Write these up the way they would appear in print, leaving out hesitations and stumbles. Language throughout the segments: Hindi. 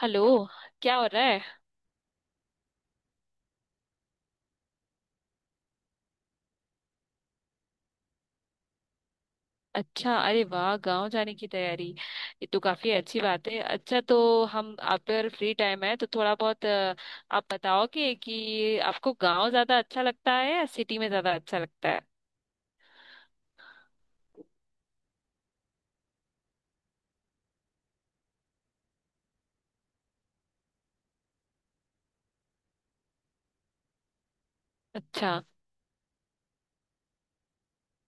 हेलो। क्या हो रहा है। अच्छा। अरे वाह, गांव जाने की तैयारी। ये तो काफी अच्छी बात है। अच्छा तो हम आप पर फ्री टाइम है तो थोड़ा बहुत आप बताओगे कि आपको गांव ज्यादा अच्छा लगता है या सिटी में ज्यादा अच्छा लगता है। अच्छा,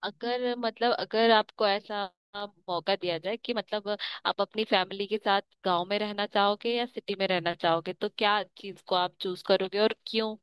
अगर मतलब अगर आपको ऐसा मौका दिया जाए कि मतलब आप अपनी फैमिली के साथ गांव में रहना चाहोगे या सिटी में रहना चाहोगे तो क्या चीज को आप चूज करोगे और क्यों।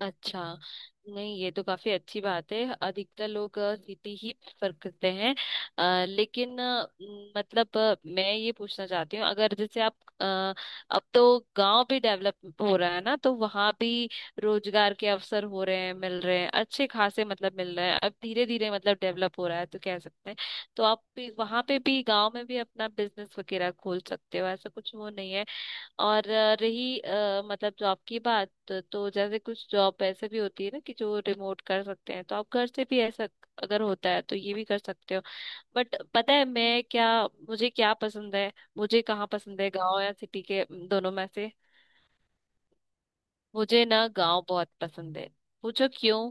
अच्छा। नहीं, ये तो काफी अच्छी बात है। अधिकतर लोग सिटी ही प्रेफर करते हैं। लेकिन मतलब मैं ये पूछना चाहती हूँ, अगर जैसे आप अ, अब तो गांव भी डेवलप हो रहा है ना, तो वहां भी रोजगार के अवसर हो रहे हैं, मिल रहे हैं, अच्छे खासे मतलब मिल रहे हैं, अब धीरे धीरे मतलब डेवलप हो रहा है तो कह सकते हैं। तो आप भी वहां पे भी, गांव में भी अपना बिजनेस वगैरह खोल सकते हो, ऐसा कुछ वो नहीं है। और रही मतलब जॉब की बात तो जैसे कुछ जॉब ऐसे भी होती है ना, कि जो रिमोट कर सकते हैं, तो आप घर से भी ऐसा अगर होता है तो ये भी कर सकते हो। बट पता है मैं क्या, मुझे क्या पसंद है? मुझे कहाँ पसंद है, गांव या सिटी के दोनों में से? मुझे ना गांव बहुत पसंद है। पूछो क्यों।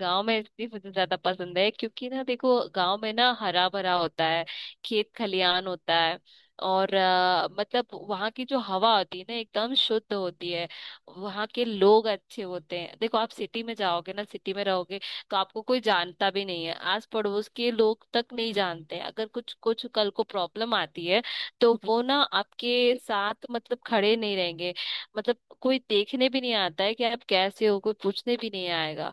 गांव में इसलिए मुझे ज्यादा पसंद है क्योंकि ना देखो, गांव में ना हरा भरा होता है, खेत खलियान होता है, और मतलब वहाँ की जो हवा होती है ना, एकदम शुद्ध होती है। वहाँ के लोग अच्छे होते हैं। देखो, आप सिटी में जाओगे ना, सिटी में रहोगे तो आपको कोई जानता भी नहीं है, आस पड़ोस के लोग तक नहीं जानते हैं। अगर कुछ कुछ कल को प्रॉब्लम आती है, तो वो ना आपके साथ मतलब खड़े नहीं रहेंगे। मतलब कोई देखने भी नहीं आता है कि आप कैसे हो, कोई पूछने भी नहीं आएगा,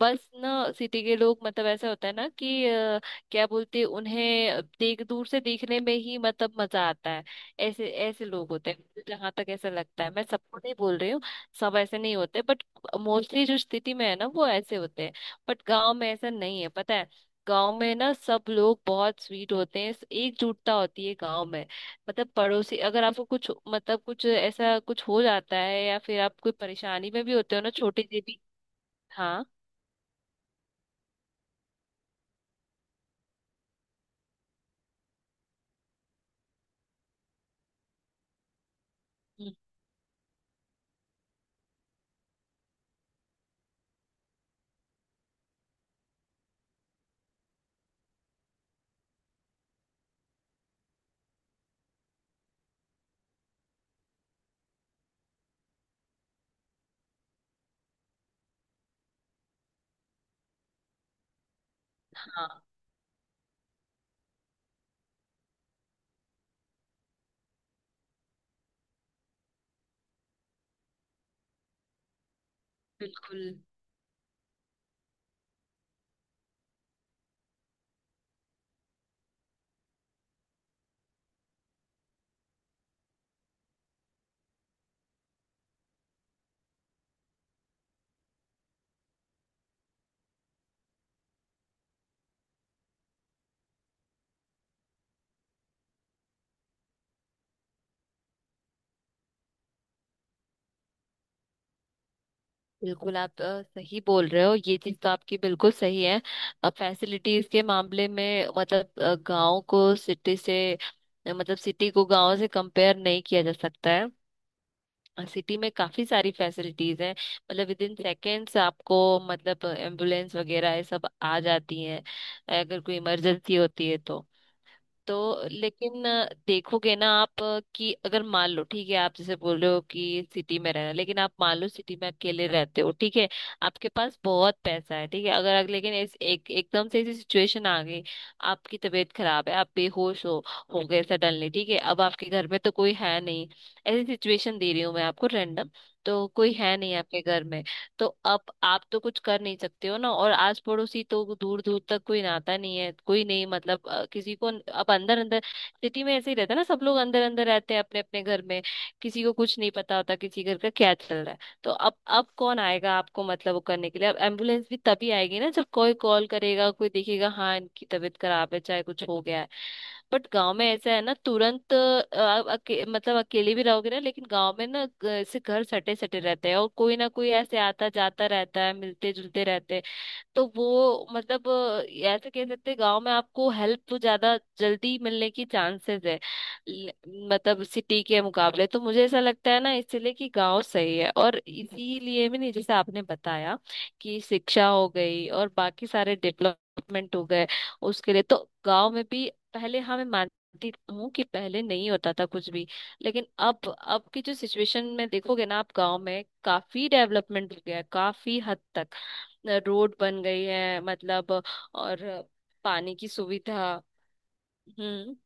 बस ना। सिटी के लोग मतलब ऐसा होता है ना कि क्या बोलते हैं उन्हें, देख दूर से देखने में ही मतलब मजा आता है। ऐसे ऐसे लोग होते हैं, जहां तक ऐसा लगता है। मैं सबको नहीं बोल रही हूँ, सब ऐसे नहीं होते, बट मोस्टली जो सिटी में है ना वो ऐसे होते हैं। बट गांव में ऐसा नहीं है, पता है। गांव में ना सब लोग बहुत स्वीट होते हैं, एकजुटता होती है गांव में। मतलब पड़ोसी अगर आपको कुछ मतलब कुछ ऐसा कुछ हो जाता है, या फिर आप कोई परेशानी में भी होते हो ना, छोटी सी भी। हाँ, हाँ, बिल्कुल, बिल्कुल आप सही बोल रहे हो, ये चीज तो आपकी बिल्कुल सही है। फैसिलिटीज के मामले में मतलब गांव को सिटी से, मतलब सिटी को गांव से कंपेयर नहीं किया जा सकता है। सिटी में काफी सारी फैसिलिटीज हैं, मतलब विद इन सेकेंड्स आपको, मतलब एम्बुलेंस वगैरह ये सब आ जाती हैं, अगर कोई इमरजेंसी होती है तो। लेकिन देखोगे ना आप, कि अगर मान लो, ठीक है, आप जैसे बोल रहे हो कि सिटी में रहना, लेकिन आप मान लो सिटी में अकेले रहते हो, ठीक है, आपके पास बहुत पैसा है, ठीक है। अगर अगर- लेकिन इस एक एकदम से ऐसी सिचुएशन आ गई, आपकी तबीयत खराब है, आप बेहोश हो गए सडनली, ठीक है। अब आपके घर में तो कोई है नहीं, ऐसी सिचुएशन दे रही हूँ मैं आपको रैंडम, तो कोई है नहीं आपके घर में। तो अब आप तो कुछ कर नहीं सकते हो ना, और आस पड़ोसी तो दूर दूर तक कोई नाता नहीं है, कोई नहीं मतलब किसी को। अब अंदर अंदर, सिटी में ऐसे ही रहता है ना, सब लोग अंदर अंदर रहते हैं अपने अपने घर में। किसी को कुछ नहीं पता होता किसी घर का क्या चल रहा है। तो अब कौन आएगा आपको मतलब वो करने के लिए, अब एम्बुलेंस भी तभी आएगी ना जब कोई कॉल करेगा, कोई देखेगा हाँ इनकी तबीयत खराब है चाहे कुछ हो गया है। बट गांव में ऐसा है ना, तुरंत आप मतलब अकेले भी रहोगे ना, लेकिन गांव में ना ऐसे घर सटे सटे रहते हैं, और कोई ना कोई ऐसे आता जाता रहता है, मिलते जुलते रहते हैं। तो वो मतलब ऐसे कह सकते हैं गांव में आपको हेल्प तो ज्यादा जल्दी मिलने की चांसेस है। ल- मतलब सिटी के मुकाबले तो मुझे ऐसा लगता है ना, इसीलिए कि गांव सही है। और इसीलिए भी नहीं जैसे आपने बताया, कि शिक्षा हो गई और बाकी सारे डेवलपमेंट हो गए, उसके लिए तो गांव में भी पहले, हाँ मैं मानती हूँ कि पहले नहीं होता था कुछ भी, लेकिन अब की जो सिचुएशन में देखोगे ना आप, गांव में काफी डेवलपमेंट हो गया है, काफी हद तक रोड बन गई है मतलब, और पानी की सुविधा। हम्म।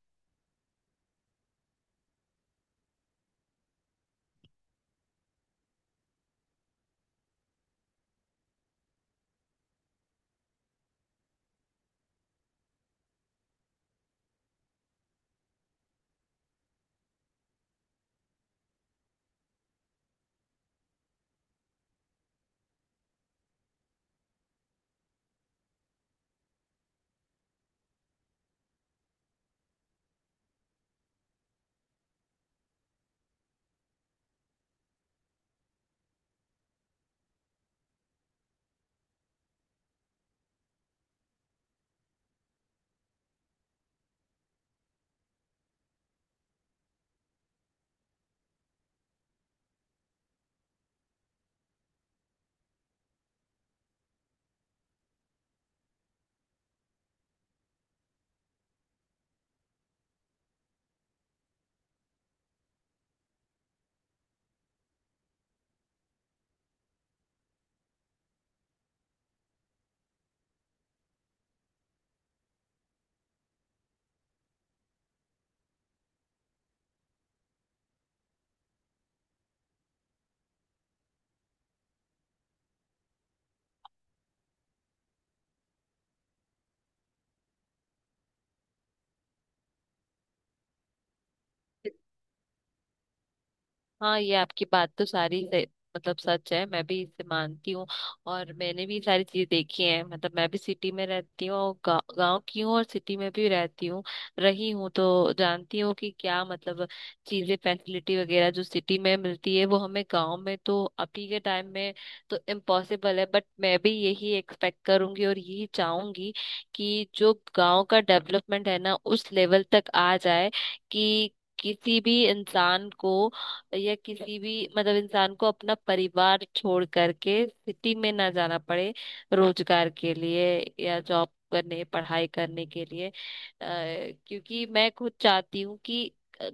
हाँ, ये आपकी बात तो सारी मतलब सच है, मैं भी इसे मानती हूँ। और मैंने भी ये सारी चीजें देखी हैं, मतलब मैं भी सिटी में रहती हूँ और गाँव की हूँ और सिटी में भी रहती हूँ, रही हूँ, तो जानती हूँ कि क्या मतलब चीजें फैसिलिटी वगैरह जो सिटी में मिलती है, वो हमें गाँव में तो अभी के टाइम में तो इम्पॉसिबल है, बट मैं भी यही एक्सपेक्ट करूंगी और यही चाहूंगी कि जो गाँव का डेवलपमेंट है ना, उस लेवल तक आ जाए कि किसी भी इंसान को, या किसी भी मतलब इंसान को अपना परिवार छोड़ करके सिटी में ना जाना पड़े, रोजगार के लिए या जॉब करने, पढ़ाई करने के लिए क्योंकि मैं खुद चाहती हूँ कि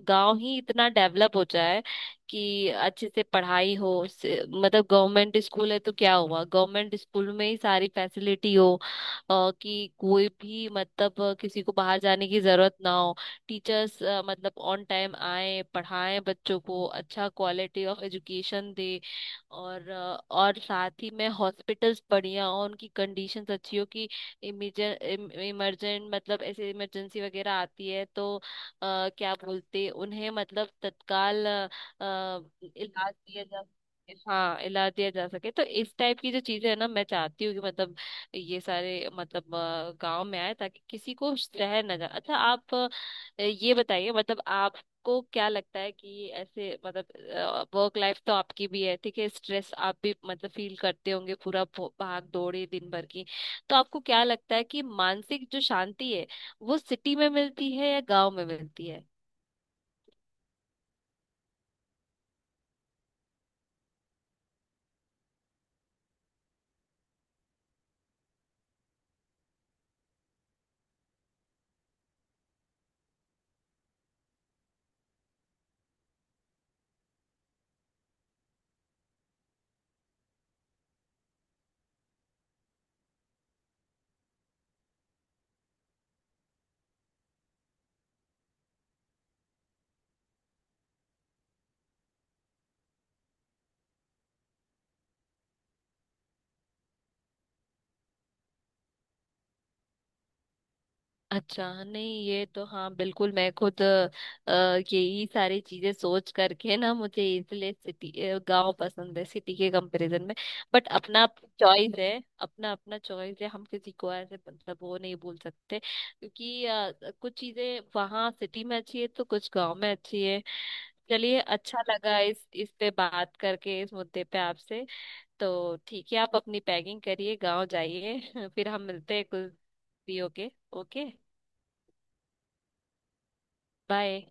गांव ही इतना डेवलप हो जाए कि अच्छे से पढ़ाई हो मतलब गवर्नमेंट स्कूल है तो क्या हुआ, गवर्नमेंट स्कूल में ही सारी फैसिलिटी हो, कि कोई भी मतलब किसी को बाहर जाने की जरूरत ना हो। टीचर्स मतलब ऑन टाइम आए, पढ़ाएं बच्चों को अच्छा क्वालिटी ऑफ एजुकेशन दे। और साथ ही में हॉस्पिटल्स बढ़िया हो, उनकी कंडीशंस अच्छी हो, कि इमरजेंट इमरजेंट मतलब ऐसे इमरजेंसी वगैरह आती है तो क्या बोलते उन्हें, मतलब तत्काल अ, इलाज दिया जा, हाँ इलाज दिया जा सके, तो इस टाइप की जो चीजें है ना, मैं चाहती हूँ कि मतलब ये सारे मतलब गांव में आए, ताकि किसी को शहर ना जाए। अच्छा, आप ये बताइए, मतलब आपको क्या लगता है कि ऐसे मतलब वर्क लाइफ तो आपकी भी है, ठीक है, स्ट्रेस आप भी मतलब फील करते होंगे पूरा, भाग दौड़ है दिन भर की, तो आपको क्या लगता है कि मानसिक जो शांति है, वो सिटी में मिलती है या गांव में मिलती है? अच्छा, नहीं ये तो हाँ बिल्कुल, मैं खुद अ, यही सारी चीजें सोच करके ना मुझे इसलिए सिटी गांव पसंद है, सिटी के कंपैरिजन में। बट अपना चॉइस है, अपना अपना चॉइस है, हम किसी को ऐसे मतलब वो नहीं बोल सकते, क्योंकि कुछ चीजें वहाँ सिटी में अच्छी है, तो कुछ गांव में अच्छी है। चलिए, अच्छा लगा इस पे बात करके, इस मुद्दे पे आपसे। तो ठीक है, आप अपनी पैकिंग करिए, गांव जाइए। फिर हम मिलते हैं कुछ फ्री होके। ओके। बाय।